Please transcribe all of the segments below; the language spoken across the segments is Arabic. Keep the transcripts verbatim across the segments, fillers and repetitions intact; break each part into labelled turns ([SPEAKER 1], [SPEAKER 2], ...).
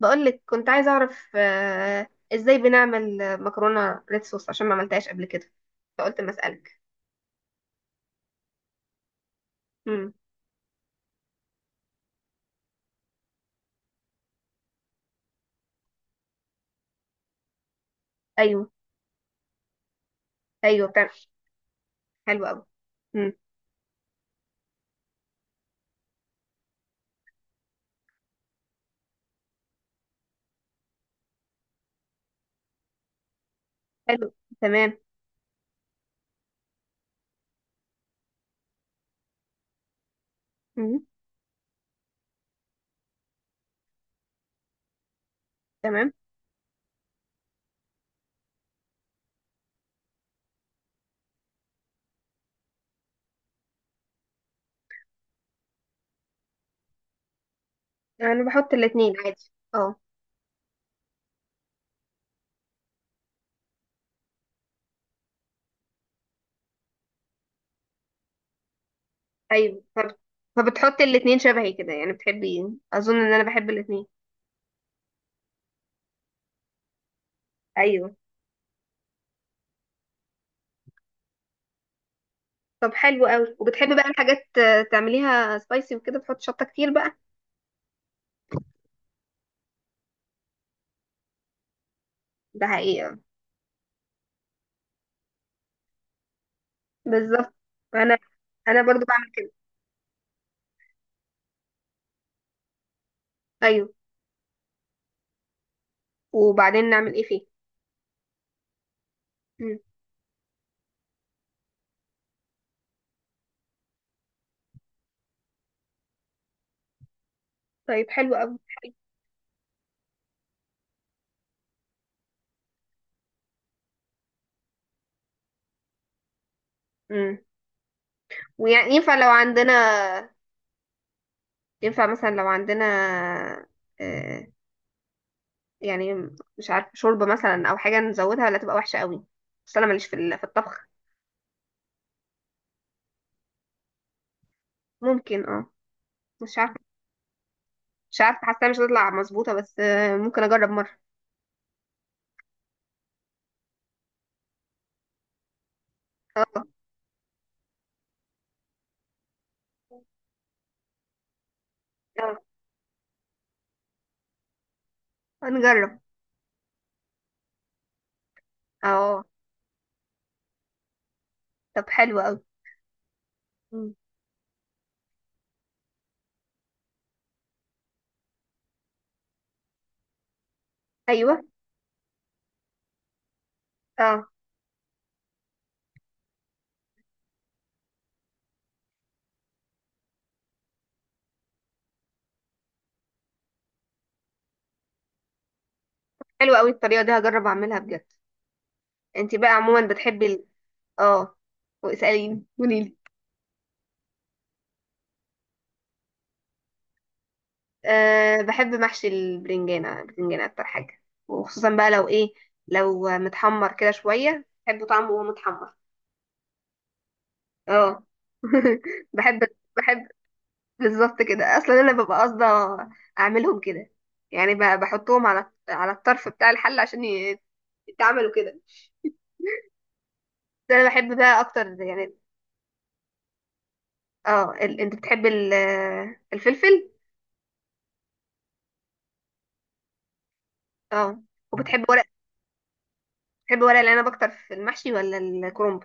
[SPEAKER 1] بقولك، كنت عايزة أعرف آه، إزاي بنعمل آه، مكرونة ريد صوص عشان ما عملتهاش قبل كده، فقلت ما أسألك. مم. أيوه. أيوه بتعمل. حلو أوي. مم. حلو. تمام. مم. تمام. أنا بحط الاتنين عادي، أه. أيوه، طب فبتحطي الاتنين شبهي كده يعني؟ بتحبي، أظن إن أنا بحب الاتنين. أيوه. طب حلو أوي، وبتحبي بقى الحاجات آه، تعمليها سبايسي وكده، بتحط شطة كتير بقى؟ ده حقيقة. بالظبط. أنا أنا برضو بعمل كده. أيوه. وبعدين نعمل إيه فيه؟ طيب حلو قوي. امم ويعني ينفع لو عندنا، ينفع مثلا لو عندنا آه يعني، مش عارف شوربة مثلا او حاجة نزودها، ولا تبقى وحشة قوي؟ بس انا ماليش في ال- في الطبخ. ممكن اه مش عارفة. مش عارفة، حاسة مش هتطلع مظبوطة، بس آه ممكن اجرب مرة. اه. اه، نجرب. اه. طب حلو قوي. مم. ايوه. اه. حلو قوي، الطريقة دي هجرب اعملها بجد. انتي بقى عموما بتحبي ال...؟ اه. واسأليني، قوليلي. أه، بحب محشي البرنجانة، البرنجانة أكتر حاجة. وخصوصا بقى لو إيه، لو متحمر كده شوية بحب طعمه وهو متحمر. اه. بحب. بحب. بالظبط كده، أصلا أنا ببقى قاصدة أعملهم كده. يعني ب- بحطهم على على الطرف بتاع الحل عشان ي- يتعملوا كده. بس أنا بحب بقى أكتر يعني. اه ال... أنت بتحب ال... الفلفل. اه. وبتحب ورق بتحب ورق العنب أكتر في المحشي ولا الكرنب؟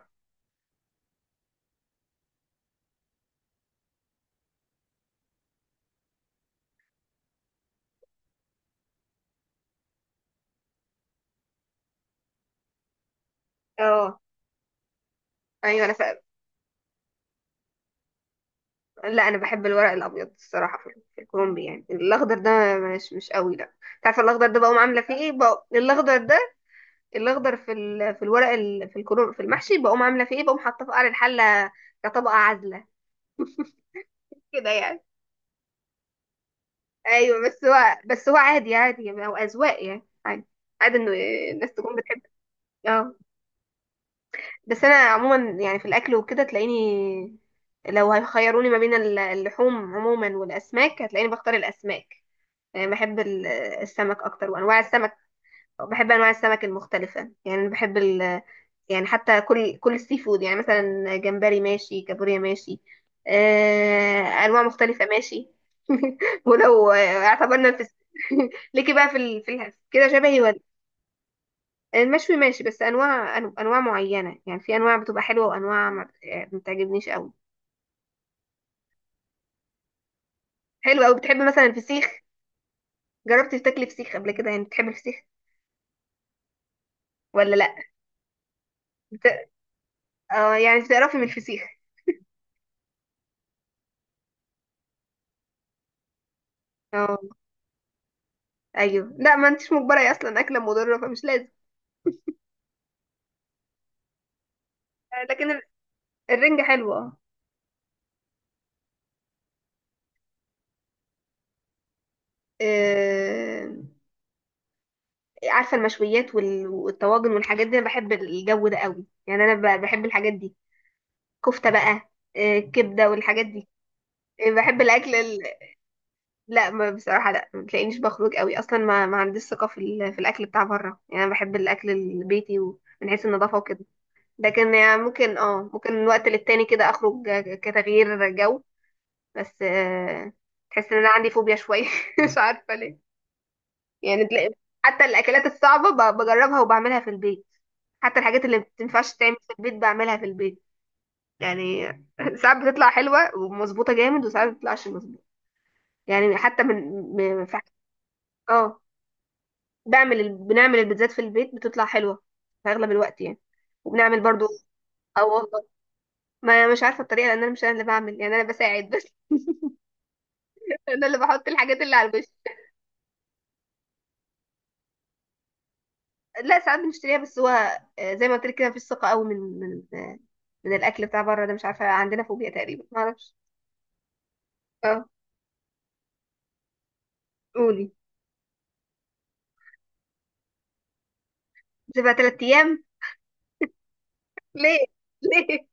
[SPEAKER 1] اه. ايوه انا لا، انا بحب الورق الابيض الصراحه، في في الكرومبي يعني الاخضر ده مش مش قوي لا. تعرف الاخضر ده بقوم عامله فيه ايه؟ بقوم الاخضر ده، الاخضر في ال... في الورق ال... في الكروم، في المحشي بقوم عامله فيه ايه؟ بقوم حاطاه في قعر الحله كطبقه عازله، كده يعني. ايوه، بس هو بس هو عادي، عادي يعني، هو اذواق يعني، عادي، عادي انه الناس تكون بتحب. اه. بس انا عموما يعني في الاكل وكده تلاقيني، لو هيخيروني ما بين ال- اللحوم عموما والاسماك، هتلاقيني بختار الاسماك. يعني بحب ال- السمك اكتر وانواع السمك. بحب انواع السمك المختلفه، يعني بحب ال... يعني حتى كل كل السي فود، يعني مثلا جمبري ماشي، كابوريا ماشي، آه، انواع مختلفه ماشي. ولو آه، اعتبرنا في ليكي بقى في ال... في ال... كده شبهي ولا؟ المشوي ماشي، بس انواع أن- انواع معينه، يعني في انواع بتبقى حلوه، وانواع ما بت- آه، ما بتعجبنيش قوي. حلو قوي، بتحب مثلا الفسيخ؟ جربتي تاكلي فسيخ قبل كده يعني؟ بتحبي الفسيخ ولا لا؟ بت... اه يعني بتقرفي من الفسيخ. اه. ايوه، لا ما انتش مجبره، هي اصلا اكله مضره فمش لازم. آه، لكن ال- الرنجة حلوه. اه. آه، عارفه المشويات وال- والطواجن والحاجات دي، انا بحب الجو ده قوي، يعني انا ب- بحب الحاجات دي. كفته بقى، آه، كبده والحاجات دي. آه، بحب الاكل ال... لا ما بصراحه، لا ما تلاقينيش بخرج قوي اصلا. ما, ما عنديش ثقه في ال... في الاكل بتاع بره يعني، انا بحب الاكل البيتي ومن حيث النظافه وكده. لكن يعني ممكن، اه، ممكن من وقت للتاني كده اخرج، آه، كتغيير جو. بس آه، تحس ان انا عندي فوبيا شويه، مش عارفه ليه. يعني تلاقي حتى الاكلات الصعبه ب- بجربها وبعملها في البيت. حتى الحاجات اللي ما بتنفعش تعمل في البيت بعملها في البيت، يعني. ساعات بتطلع حلوه ومظبوطه جامد، وساعات ما بتطلعش مظبوطه. يعني حتى من من- في- اه، بعمل ال- بنعمل البيتزات في البيت، بتطلع حلوه في اغلب الوقت يعني. وبنعمل برضو. اه والله ما مش عارفه الطريقه، لان انا مش انا اللي بعمل يعني، انا بساعد بس. انا اللي بحط الحاجات اللي على الوش. لا ساعات بنشتريها، بس هو آه، زي ما قلت لك كده، مفيش ثقة قوي من من آه، من الأكل بتاع بره ده، مش عارفة، عندنا فوبيا تقريبا، معرفش. اه. قولي. تبقى تلات أيام. ليه؟ ليه؟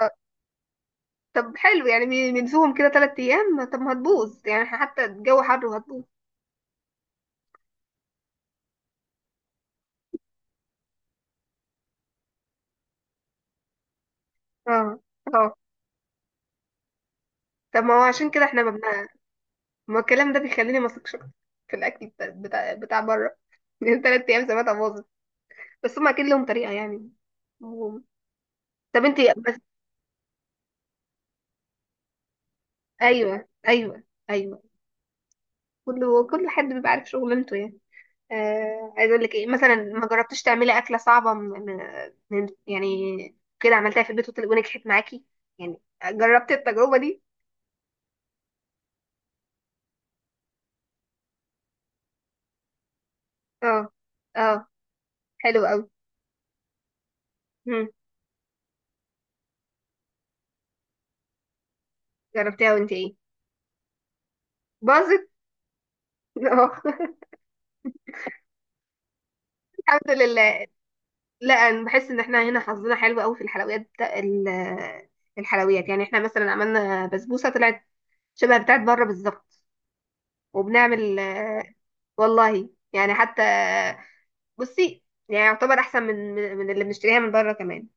[SPEAKER 1] آه، طب حلو، يعني بن- بنسوهم كده تلات أيام؟ طب ما هتبوظ يعني، إحنا حتى الجو حر وهتبوظ. اه. اه طب، ما هو عشان كده احنا ببنا... ما الكلام ده بيخليني ما اثقش في الأكل بتاع بتاع, بتاع بره، لأن تلات أيام سمعتها باظت. بس هما أكيد لهم طريقة يعني. طب انتي بس. ايوه. ايوه. ايوه. كله كل حد بيبقى عارف شغلانته يعني. آه، عايز اقول لك ايه مثلا، ما جربتش تعملي اكله صعبه من من يعني، كده عملتها في البيت وطل- ونجحت معاكي، يعني جربتي التجربه دي؟ اه. اه. حلو قوي. مم. جربتيها وانت ايه؟ باظت. اه. الحمد لله. لا، انا بحس ان احنا هنا حظنا حلو قوي في الحلويات بتا- ال- الحلويات، يعني. احنا مثلا عملنا بسبوسه طلعت شبه بتاعت بره بالظبط. وبنعمل آه، والله يعني حتى، بصي، يعني يعتبر احسن من من من اللي بنشتريها من بره كمان.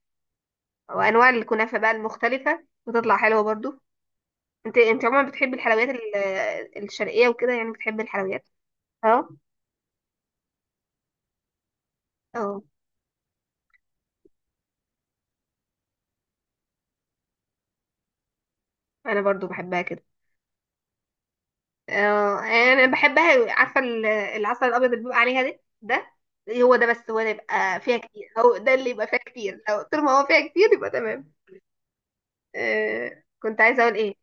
[SPEAKER 1] وانواع الكنافه بقى المختلفه بتطلع حلوه برضو. انت انت عموما بتحبي الحلويات ال- الشرقيه وكده، يعني بتحبي الحلويات؟ اه. اه انا برضو بحبها كده. اه انا بحبها. عارفه ال- العسل الابيض اللي بيبقى عليها ده ده، هو ده. بس هو ده يبقى فيها كتير، هو ده اللي يبقى فيها كتير، لو طول ما هو فيها كتير يبقى تمام. آه، كنت عايزه اقول ايه.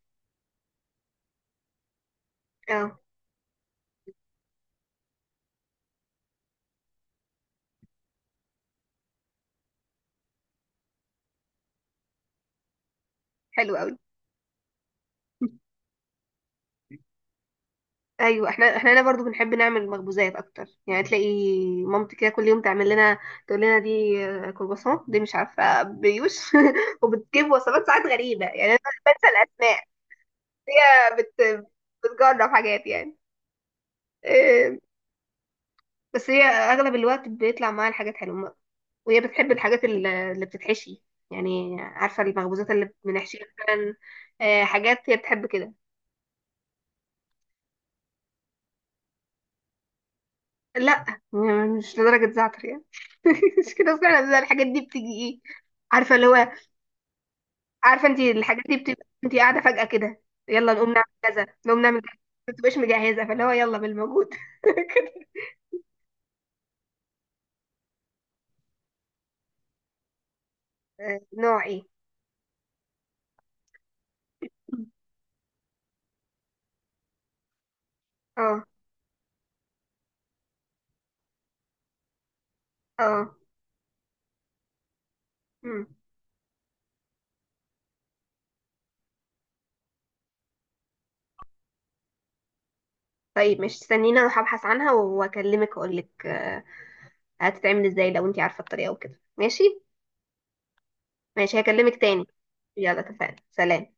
[SPEAKER 1] اه حلو قوي. ايوه، احنا احنا هنا برضو بنحب نعمل مخبوزات اكتر. يعني تلاقي مامتي كده كل يوم تعمل لنا، تقول لنا دي آه، كرواسون، دي مش عارفه بيوش. وبتجيب وصفات ساعات غريبه، يعني انا بنسى الاسماء. هي بت... بتجرب حاجات يعني، آه، بس هي اغلب الوقت بيطلع معاها الحاجات حلوه. وهي بتحب الحاجات ال- اللي بتتحشي، يعني عارفه المخبوزات اللي بنحشيها مثلا. آه، حاجات هي بتحب كده. لا م- مش لدرجة زعتر يعني. مش كده اصلا، بيبقى الحاجات دي بتيجي ايه، عارفة اللي هو، عارفة انت الحاجات دي بتبقى انت قاعدة فجأة كده، يلا نقوم نعمل كذا، نقوم نعمل كذا، ما بتبقاش مجهزة، فاللي هو يلا بالموجود. آه، نوع ايه؟ اه. اه. مم. طيب، مش استنينا اروح ابحث عنها واكلمك اقول لك آه، هتتعمل ازاي، لو انت عارفة الطريقة وكده ماشي. ماشي، هكلمك تاني. يلا اتفقنا، سلام.